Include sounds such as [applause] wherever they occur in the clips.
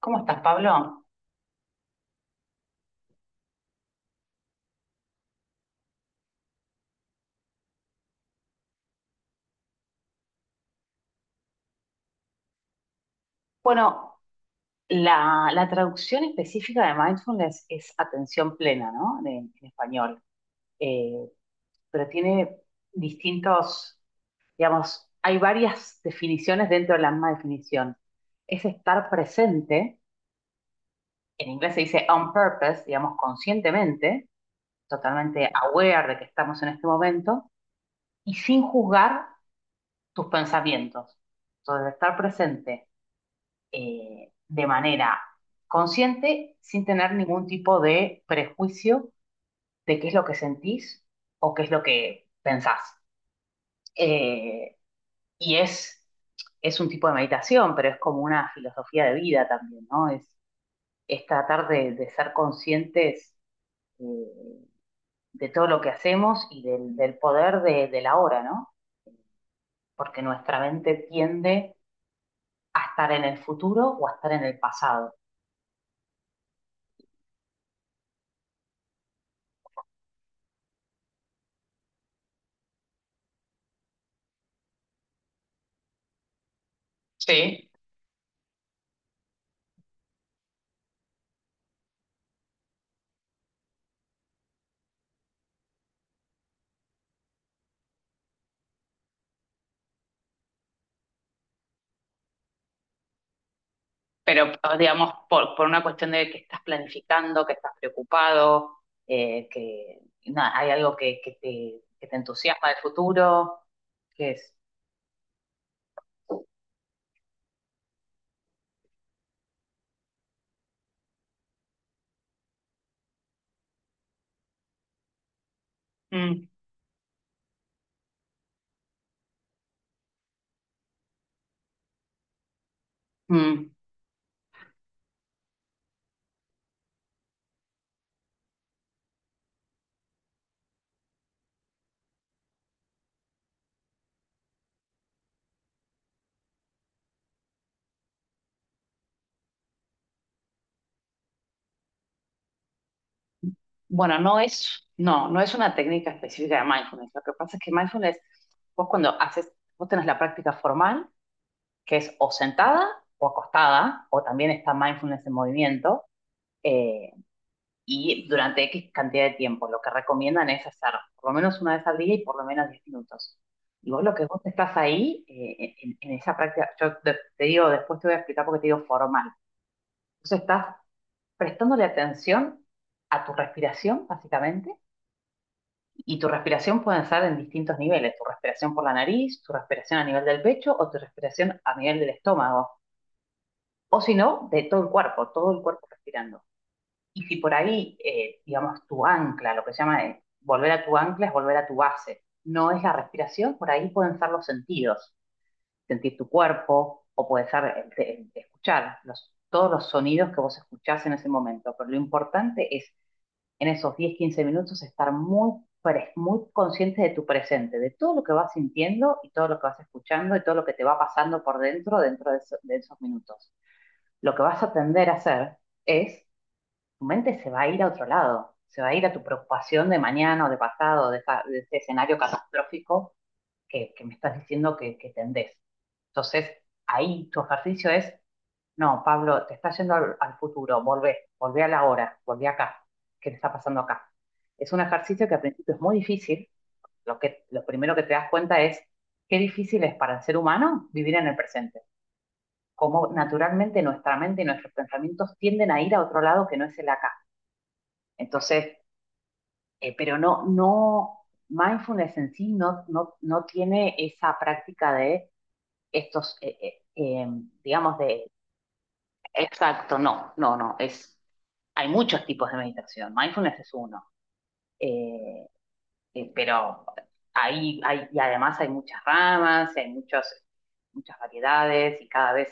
¿Cómo estás, Pablo? Bueno, la traducción específica de mindfulness es atención plena, ¿no? En español. Eh, pero tiene distintos, digamos, hay varias definiciones dentro de la misma definición. Es estar presente, en inglés se dice on purpose, digamos, conscientemente, totalmente aware de que estamos en este momento, y sin juzgar tus pensamientos. Entonces, estar presente de manera consciente sin tener ningún tipo de prejuicio de qué es lo que sentís o qué es lo que pensás. Eh, y es, es un tipo de meditación, pero es como una filosofía de vida también, ¿no? Es tratar de ser conscientes eh, de todo lo que hacemos y del poder de la hora, ¿no? Porque nuestra mente tiende a estar en el futuro o a estar en el pasado. Sí. Pero, digamos, por una cuestión de que estás planificando, que estás preocupado, que nada, hay algo que te entusiasma del futuro, que es... Mm, mm. Bueno, no es una técnica específica de mindfulness. Lo que pasa es que mindfulness, vos cuando haces, vos tenés la práctica formal, que es o sentada o acostada, o también está mindfulness en movimiento, eh, y durante X cantidad de tiempo. Lo que recomiendan es hacer por lo menos una vez al día y por lo menos 10 minutos. Y vos lo que vos estás ahí, en esa práctica, te digo, después te voy a explicar porque te digo formal. Entonces estás prestándole atención a tu respiración, básicamente, y tu respiración puede ser en distintos niveles: tu respiración por la nariz, tu respiración a nivel del pecho o tu respiración a nivel del estómago, o si no, de todo el cuerpo respirando. Y si por ahí, digamos, tu ancla, lo que se llama volver a tu ancla es volver a tu base, no es la respiración, por ahí pueden ser los sentidos, sentir tu cuerpo o puede ser escuchar los, todos los sonidos que vos escuchás en ese momento. Pero lo importante es en esos 10 15 minutos estar muy, muy consciente de tu presente, de todo lo que vas sintiendo y todo lo que vas escuchando y todo lo que te va pasando por dentro dentro de, de esos minutos. Lo que vas a tender a hacer es tu mente se va a ir a otro lado, se va a ir a tu preocupación de mañana o de pasado, de, de ese escenario catastrófico que me estás diciendo que tendés. Entonces, ahí tu ejercicio es, no, Pablo, te estás yendo al futuro, volvé a la hora, volvé acá, ¿qué te está pasando acá? Es un ejercicio que al principio es muy difícil, lo primero que te das cuenta es qué difícil es para el ser humano vivir en el presente, cómo naturalmente nuestra mente y nuestros pensamientos tienden a ir a otro lado que no es el acá. Entonces, pero mindfulness en sí no tiene esa práctica de estos, digamos, de... Exacto, no, no, no, hay muchos tipos de meditación, mindfulness es uno, eh, pero ahí hay, y además hay muchas ramas, muchas variedades y cada vez,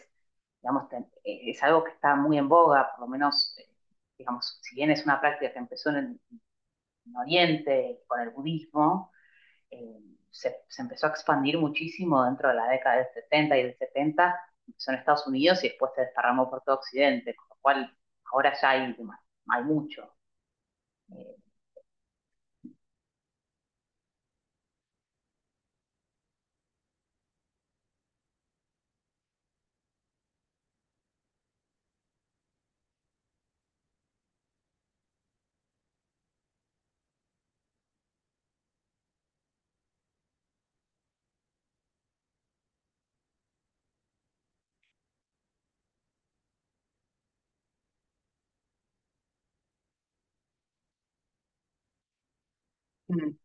digamos, es algo que está muy en boga, por lo menos, digamos, si bien es una práctica que empezó en Oriente con el budismo, eh, empezó a expandir muchísimo dentro de la década del 60 y del 70, empezó en Estados Unidos y después se desparramó por todo Occidente, con lo cual ahora ya hay mucho. Eh. Mm,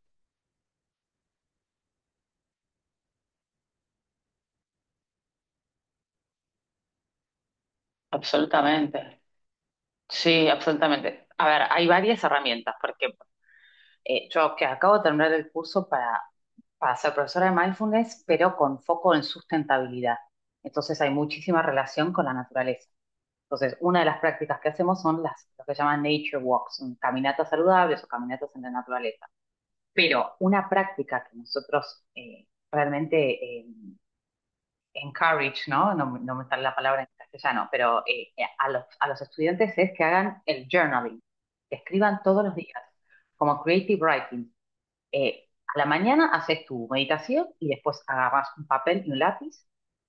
absolutamente. Sí, absolutamente. A ver, hay varias herramientas, porque yo que acabo de terminar el curso para ser profesora de mindfulness, pero con foco en sustentabilidad. Entonces hay muchísima relación con la naturaleza. Entonces, una de las prácticas que hacemos son las, lo que llaman nature walks, caminatas saludables o caminatas en la naturaleza. Pero una práctica que nosotros realmente eh, encourage, ¿no? ¿No? No me sale la palabra en castellano, pero a los estudiantes es que hagan el journaling, que escriban todos los días, como creative writing, eh, a la mañana haces tu meditación y después agarras un papel y un lápiz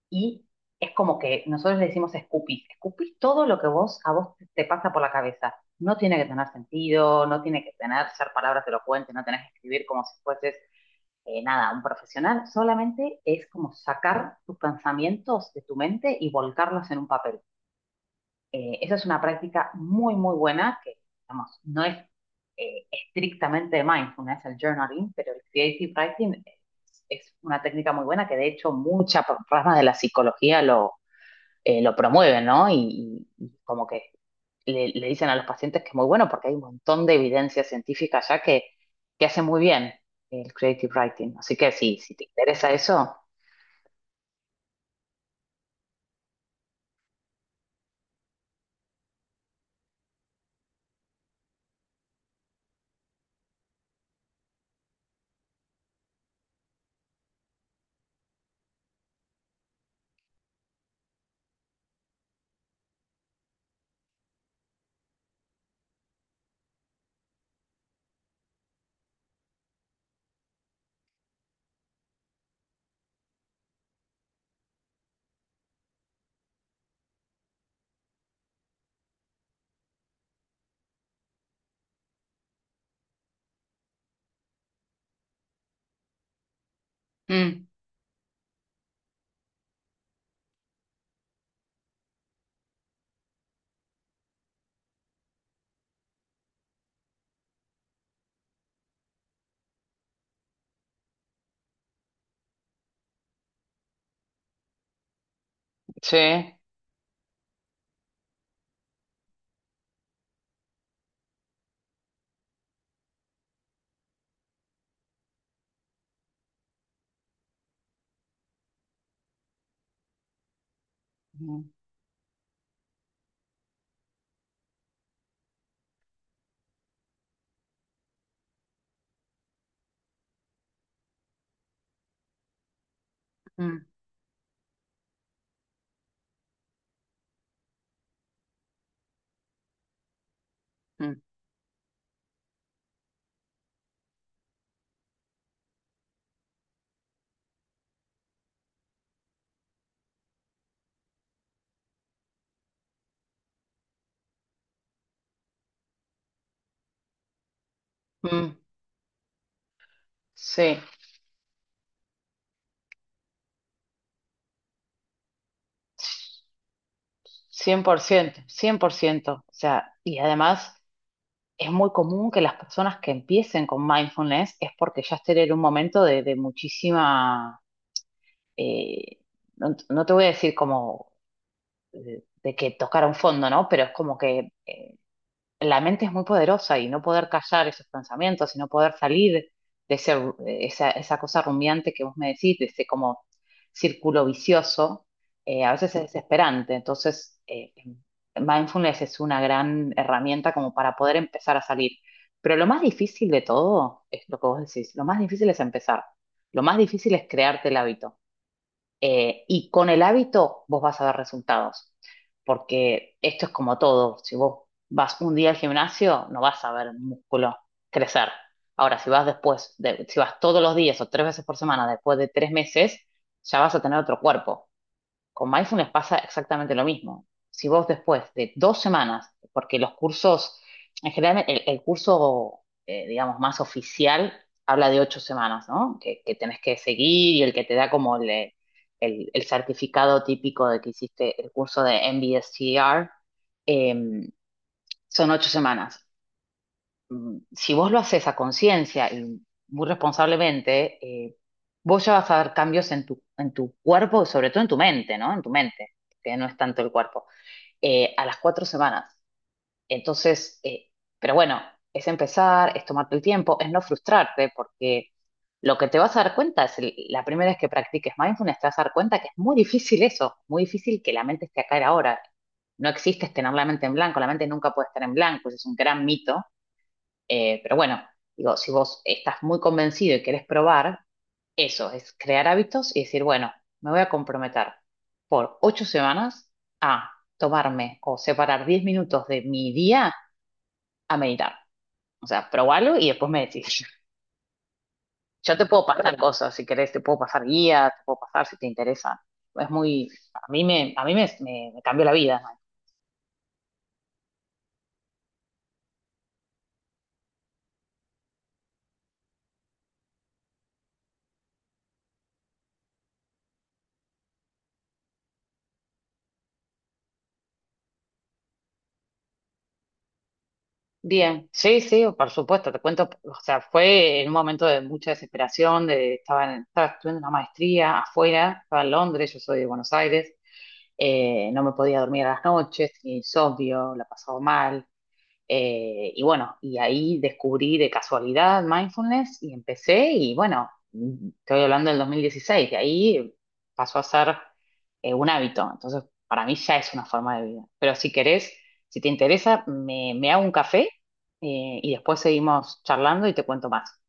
y es como que nosotros le decimos escupís, escupís todo lo que vos a vos te pasa por la cabeza. No tiene que tener sentido, no tiene que tener ser palabras elocuentes, no tenés que escribir como si fueses nada, un profesional. Solamente es como sacar tus pensamientos de tu mente y volcarlos en un papel. Esa es una práctica muy, muy buena que, digamos, no es estrictamente de mindfulness, el journaling, pero el creative writing es una técnica muy buena que de hecho muchas ramas de la psicología lo promueven, ¿no? Y, y como que le dicen a los pacientes que es muy bueno porque hay un montón de evidencia científica ya que hace muy bien el creative writing. Así que si te interesa eso, mm, sí, mm, mm, mm, mm, sí. Cien cien por ciento, 100%. O sea, y además es muy común que las personas que empiecen con mindfulness es porque ya estén en un momento de muchísima, eh, no te voy a decir como de que tocaron fondo, ¿no? Pero es como que la mente es muy poderosa y no poder callar esos pensamientos y no poder salir de ese de esa, esa cosa rumiante que vos me decís, de ese como círculo vicioso, a veces es desesperante. Entonces, mindfulness es una gran herramienta como para poder empezar a salir. Pero lo más difícil de todo es lo que vos decís, lo más difícil es empezar, lo más difícil es crearte el hábito. Y con el hábito vos vas a ver resultados, porque esto es como todo. Si vos vas un día al gimnasio, no vas a ver músculo crecer. Ahora, si vas después, si vas todos los días o tres veces por semana después de 3 meses, ya vas a tener otro cuerpo. Con mindfulness pasa exactamente lo mismo. Si vos después de dos semanas, porque los cursos, en general el curso, digamos, más oficial habla de 8 semanas, ¿no? Que tenés que seguir y el que te da como el, el certificado típico de que hiciste el curso de MBSTR, eh, son 8 semanas. Mm, si vos lo haces a conciencia y muy responsablemente, eh, vos ya vas a ver cambios en tu cuerpo y sobre todo en tu mente, ¿no? En tu mente, que no es tanto el cuerpo, a las 4 semanas. Entonces, pero bueno, es empezar, es tomarte el tiempo, es no frustrarte, porque lo que te vas a dar cuenta es la primera vez que practiques mindfulness, te vas a dar cuenta que es muy difícil eso, muy difícil que la mente esté acá y ahora. No existe tener la mente en blanco, la mente nunca puede estar en blanco, ese es un gran mito. Pero bueno, digo, si vos estás muy convencido y querés probar, eso es crear hábitos y decir, bueno, me voy a comprometer por 8 semanas a tomarme o separar 10 minutos de mi día a meditar. O sea, probalo y después me decís. [laughs] Yo te puedo pasar cosas, si querés, te puedo pasar guía, te puedo pasar si te interesa. Es muy, a mí me, me cambió la vida. Bien, sí, sí, por supuesto, te cuento, o sea, fue en un momento de mucha desesperación, de, estaba, estaba estudiando una maestría afuera, estaba en Londres, yo soy de Buenos Aires, no me podía dormir a las noches, tenía insomnio, la pasaba mal, y bueno, y ahí descubrí de casualidad mindfulness y empecé y bueno, estoy hablando del 2016, de ahí pasó a ser un hábito. Entonces, para mí ya es una forma de vida. Pero si querés, si te interesa, me hago un café y después seguimos charlando y te cuento más.